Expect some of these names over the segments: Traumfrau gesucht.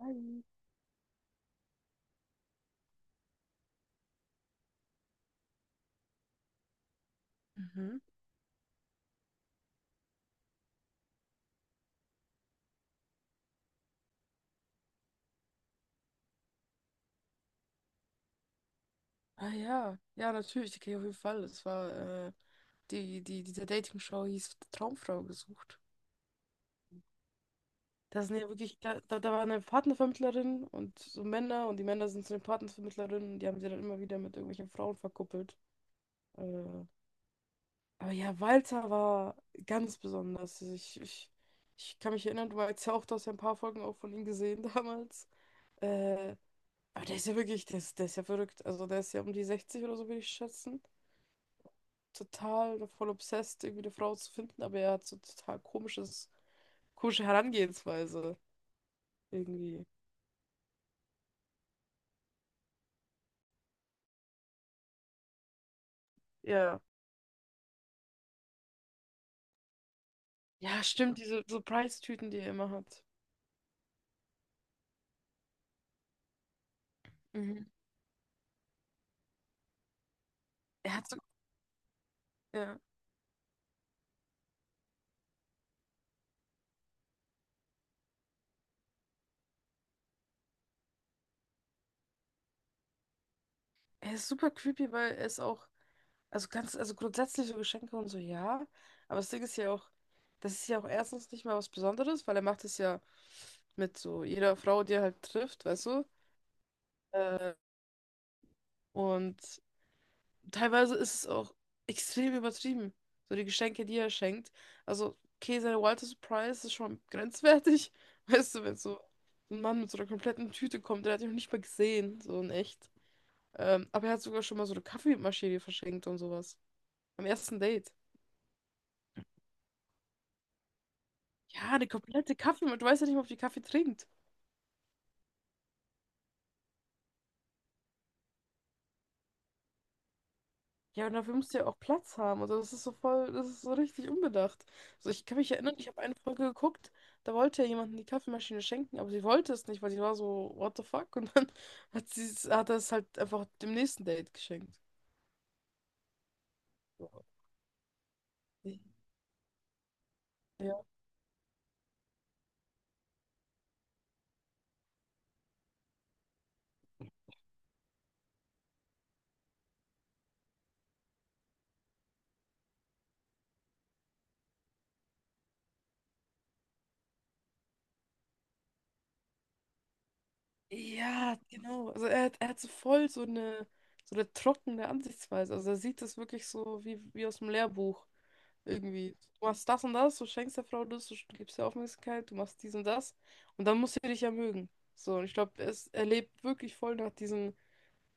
Hi. Ja, ja, ja, natürlich, die kenne ich auf jeden Fall. Das war, diese Dating-Show hieß Traumfrau gesucht. Das sind ja wirklich, da war eine Partnervermittlerin und so Männer, und die Männer sind zu den Partnervermittlerinnen, und die haben sie dann immer wieder mit irgendwelchen Frauen verkuppelt. Äh, aber ja, Walter war ganz besonders. Also ich kann mich erinnern, du meinst ja auch, du hast ja ein paar Folgen auch von ihm gesehen damals. Äh, aber der ist ja wirklich, der ist ja verrückt. Also der ist ja um die 60 oder so, würde ich schätzen. Total voll obsessed, irgendwie eine Frau zu finden, aber er hat so total komische Herangehensweise irgendwie. Ja. Ja, stimmt, diese Surprise-Tüten, die er immer hat. Mhm. Er hat so, ja. Er ist super creepy, weil er ist auch, also ganz, also grundsätzlich so Geschenke und so, ja. Aber das Ding ist ja auch, das ist ja auch erstens nicht mal was Besonderes, weil er macht es ja mit so jeder Frau, die er halt trifft, weißt du? Äh, Und teilweise ist es auch extrem übertrieben. So die Geschenke, die er schenkt. Also, okay, seine Walter Surprise ist schon grenzwertig. Weißt du, wenn so ein Mann mit so einer kompletten Tüte kommt, der hat ihn noch nicht mal gesehen, so in echt. Aber er hat sogar schon mal so eine Kaffeemaschine verschenkt und sowas. Am ersten Date. Ja, eine komplette Kaffeemaschine. Du weißt ja nicht mal, ob die Kaffee trinkt. Ja, und dafür musst du ja auch Platz haben. Also das ist so voll, das ist so richtig unbedacht. Also ich kann mich erinnern, ich habe eine Folge geguckt, da wollte ja jemand die Kaffeemaschine schenken, aber sie wollte es nicht, weil sie war so, what the fuck? Und dann hat er es halt einfach dem nächsten Date geschenkt. Ja. Ja, genau. Also er hat so voll so eine trockene Ansichtsweise. Also er sieht das wirklich so wie aus dem Lehrbuch. Irgendwie, du machst das und das, du schenkst der Frau das, du gibst ihr Aufmerksamkeit, du machst dies und das, und dann muss sie dich ja mögen. So, und ich glaube, es er lebt wirklich voll nach diesen,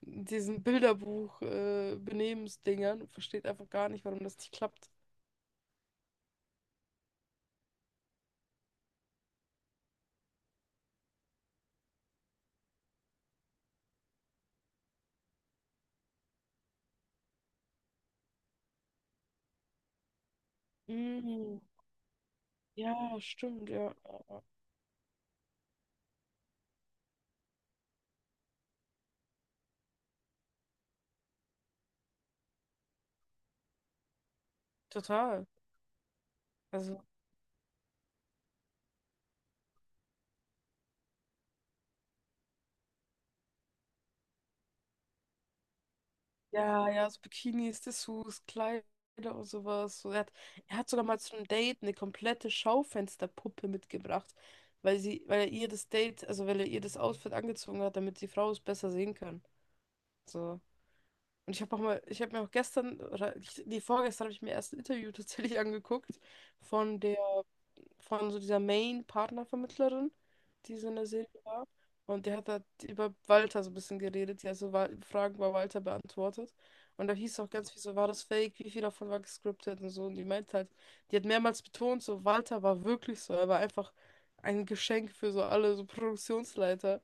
diesen Bilderbuch Benehmensdingern und versteht einfach gar nicht, warum das nicht klappt. Mm, ja, stimmt, ja. Total. Also ja, ja, so Bikinis, Dessous, Kleider und sowas. So, er hat sogar mal zu einem Date eine komplette Schaufensterpuppe mitgebracht, weil er ihr das Date, also weil er ihr das Outfit angezogen hat, damit die Frau es besser sehen kann. So. Und ich habe auch mal, ich habe mir auch gestern, oder nee, vorgestern habe ich mir erst ein Interview tatsächlich angeguckt von der von so dieser Main-Partnervermittlerin, die so in der Serie war. Und die hat halt über Walter so ein bisschen geredet. Die hat so Fragen bei Walter beantwortet. Und da hieß auch ganz viel so, war das fake? Wie viel davon war gescriptet und so. Und die meint halt, die hat mehrmals betont, so Walter war wirklich so. Er war einfach ein Geschenk für so alle, so Produktionsleiter.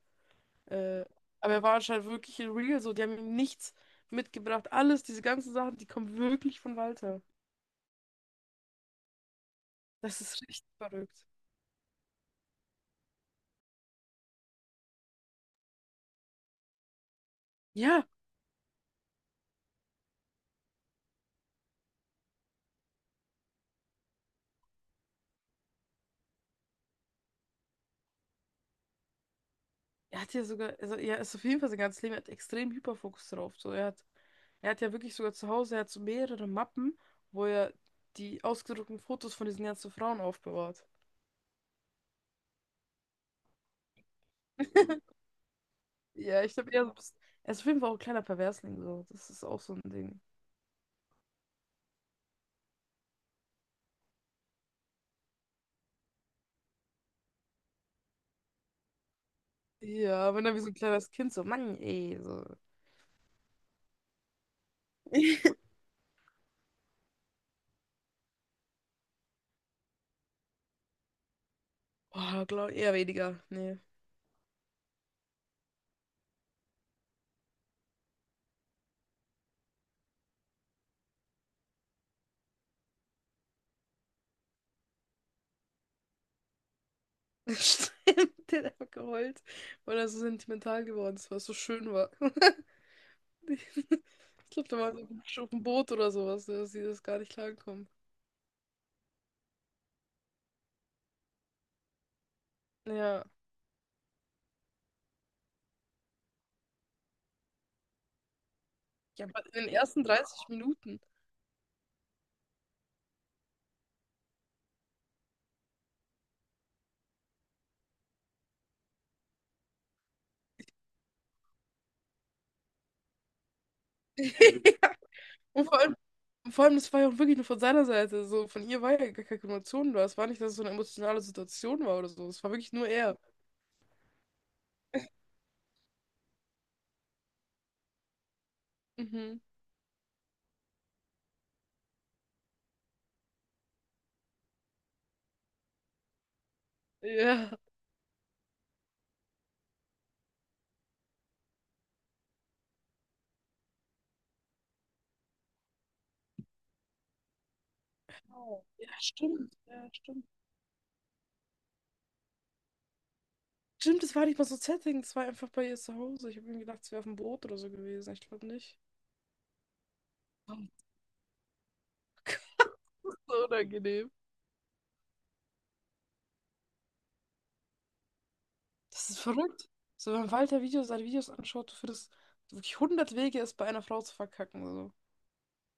Äh, aber er war anscheinend wirklich in real so. Die haben ihm nichts mitgebracht. Alles, diese ganzen Sachen, die kommen wirklich von Walter. Das ist richtig verrückt. Ja, er hat ja sogar, also er ist auf jeden Fall sein ganzes Leben, er hat extrem Hyperfokus drauf. So, er hat ja wirklich sogar zu Hause, er hat so mehrere Mappen, wo er die ausgedruckten Fotos von diesen ganzen Frauen aufbewahrt. Ja, ich glaube, er, so ein bisschen- er ist auf jeden Fall auch ein kleiner Perversling, so. Das ist auch so ein Ding. Ja, wenn er wie so ein kleines Kind so, Mann, ey, so. Boah, glaube eher weniger. Nee. Stimmt, der hat einfach geheult, weil er so sentimental geworden ist, weil es so schön war. Ich glaube, da war so auf dem Boot oder sowas, dass sie das gar nicht klarkommen. Ja. Ja, aber in den ersten 30 Minuten. Und vor allem, das war ja auch wirklich nur von seiner Seite. So, von ihr war ja gar keine Emotion da. Es war nicht, dass es so eine emotionale Situation war oder so. Es war wirklich nur er. Mhm. Ja. Oh, ja, stimmt. Ja, stimmt. Stimmt, das war nicht mal so ein Setting. Das war einfach bei ihr zu Hause. Ich habe mir gedacht, sie wäre auf dem Boot oder so gewesen. Ich glaube nicht. Oh, Gott, so unangenehm. Das ist verrückt. So, wenn Walter Videos, seine Videos anschaut, du findest wirklich 100 Wege, es bei einer Frau zu verkacken. So.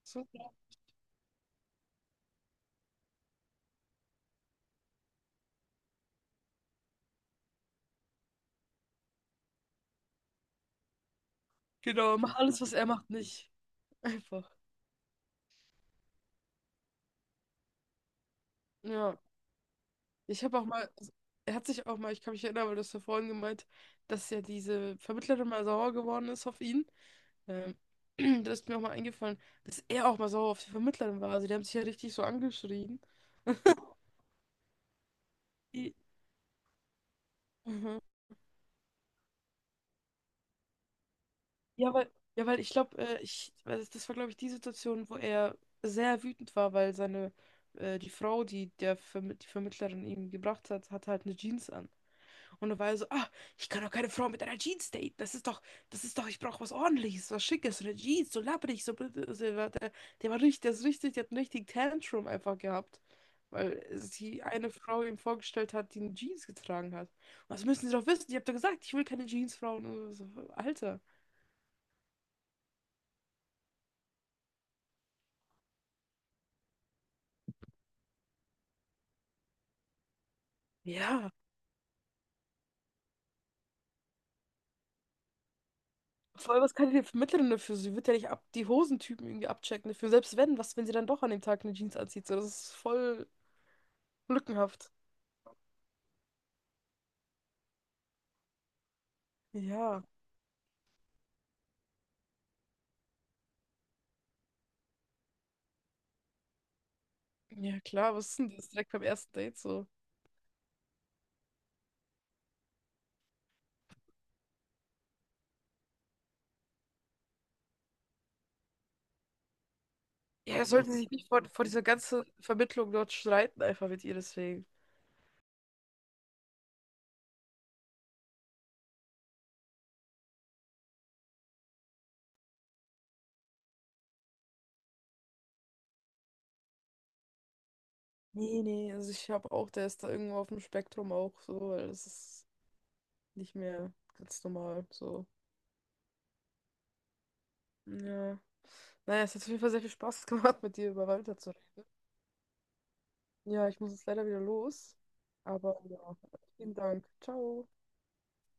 So. Genau. Mach alles, was er macht, nicht. Einfach. Ja. Ich habe auch mal, also, er hat sich auch mal, ich kann mich erinnern, weil du hast ja vorhin gemeint, dass ja diese Vermittlerin mal sauer geworden ist auf ihn. Ähm, Da ist mir auch mal eingefallen, dass er auch mal sauer auf die Vermittlerin war. Also die haben sich ja richtig so angeschrien. I- Mhm. Ja, weil, ja, weil ich glaube, weil das das war, glaube ich, die Situation, wo er sehr wütend war, weil die Frau, die der Verm die Vermittlerin ihm gebracht hat, hatte halt eine Jeans an. Und da war er so: Ah, ich kann doch keine Frau mit einer Jeans daten. Das ist doch, ich brauche was Ordentliches, was Schickes, so eine Jeans, so labbrig, so blöd. Also, der war richtig, der ist richtig, der hat einen richtigen Tantrum einfach gehabt. Weil sie eine Frau ihm vorgestellt hat, die eine Jeans getragen hat. Was müssen Sie doch wissen? Ich habe doch gesagt, ich will keine Jeansfrauen. Und so, Alter. Ja. Vor allem, was kann ich dir vermitteln dafür? Sie wird ja nicht ab die Hosentypen irgendwie abchecken dafür. Selbst wenn, was, wenn sie dann doch an dem Tag eine Jeans anzieht? So, das ist voll lückenhaft. Ja, ja klar, was ist denn das direkt beim ersten Date so? Ja, er sollte sich nicht vor dieser ganzen Vermittlung dort streiten, einfach mit ihr deswegen. Nee, nee, also ich habe auch, der ist da irgendwo auf dem Spektrum auch so, weil das ist nicht mehr ganz normal so. Ja. Naja, es hat auf jeden Fall sehr viel Spaß gemacht, mit dir über Walter zu reden. Ja, ich muss jetzt leider wieder los. Aber ja, vielen Dank. Ciao.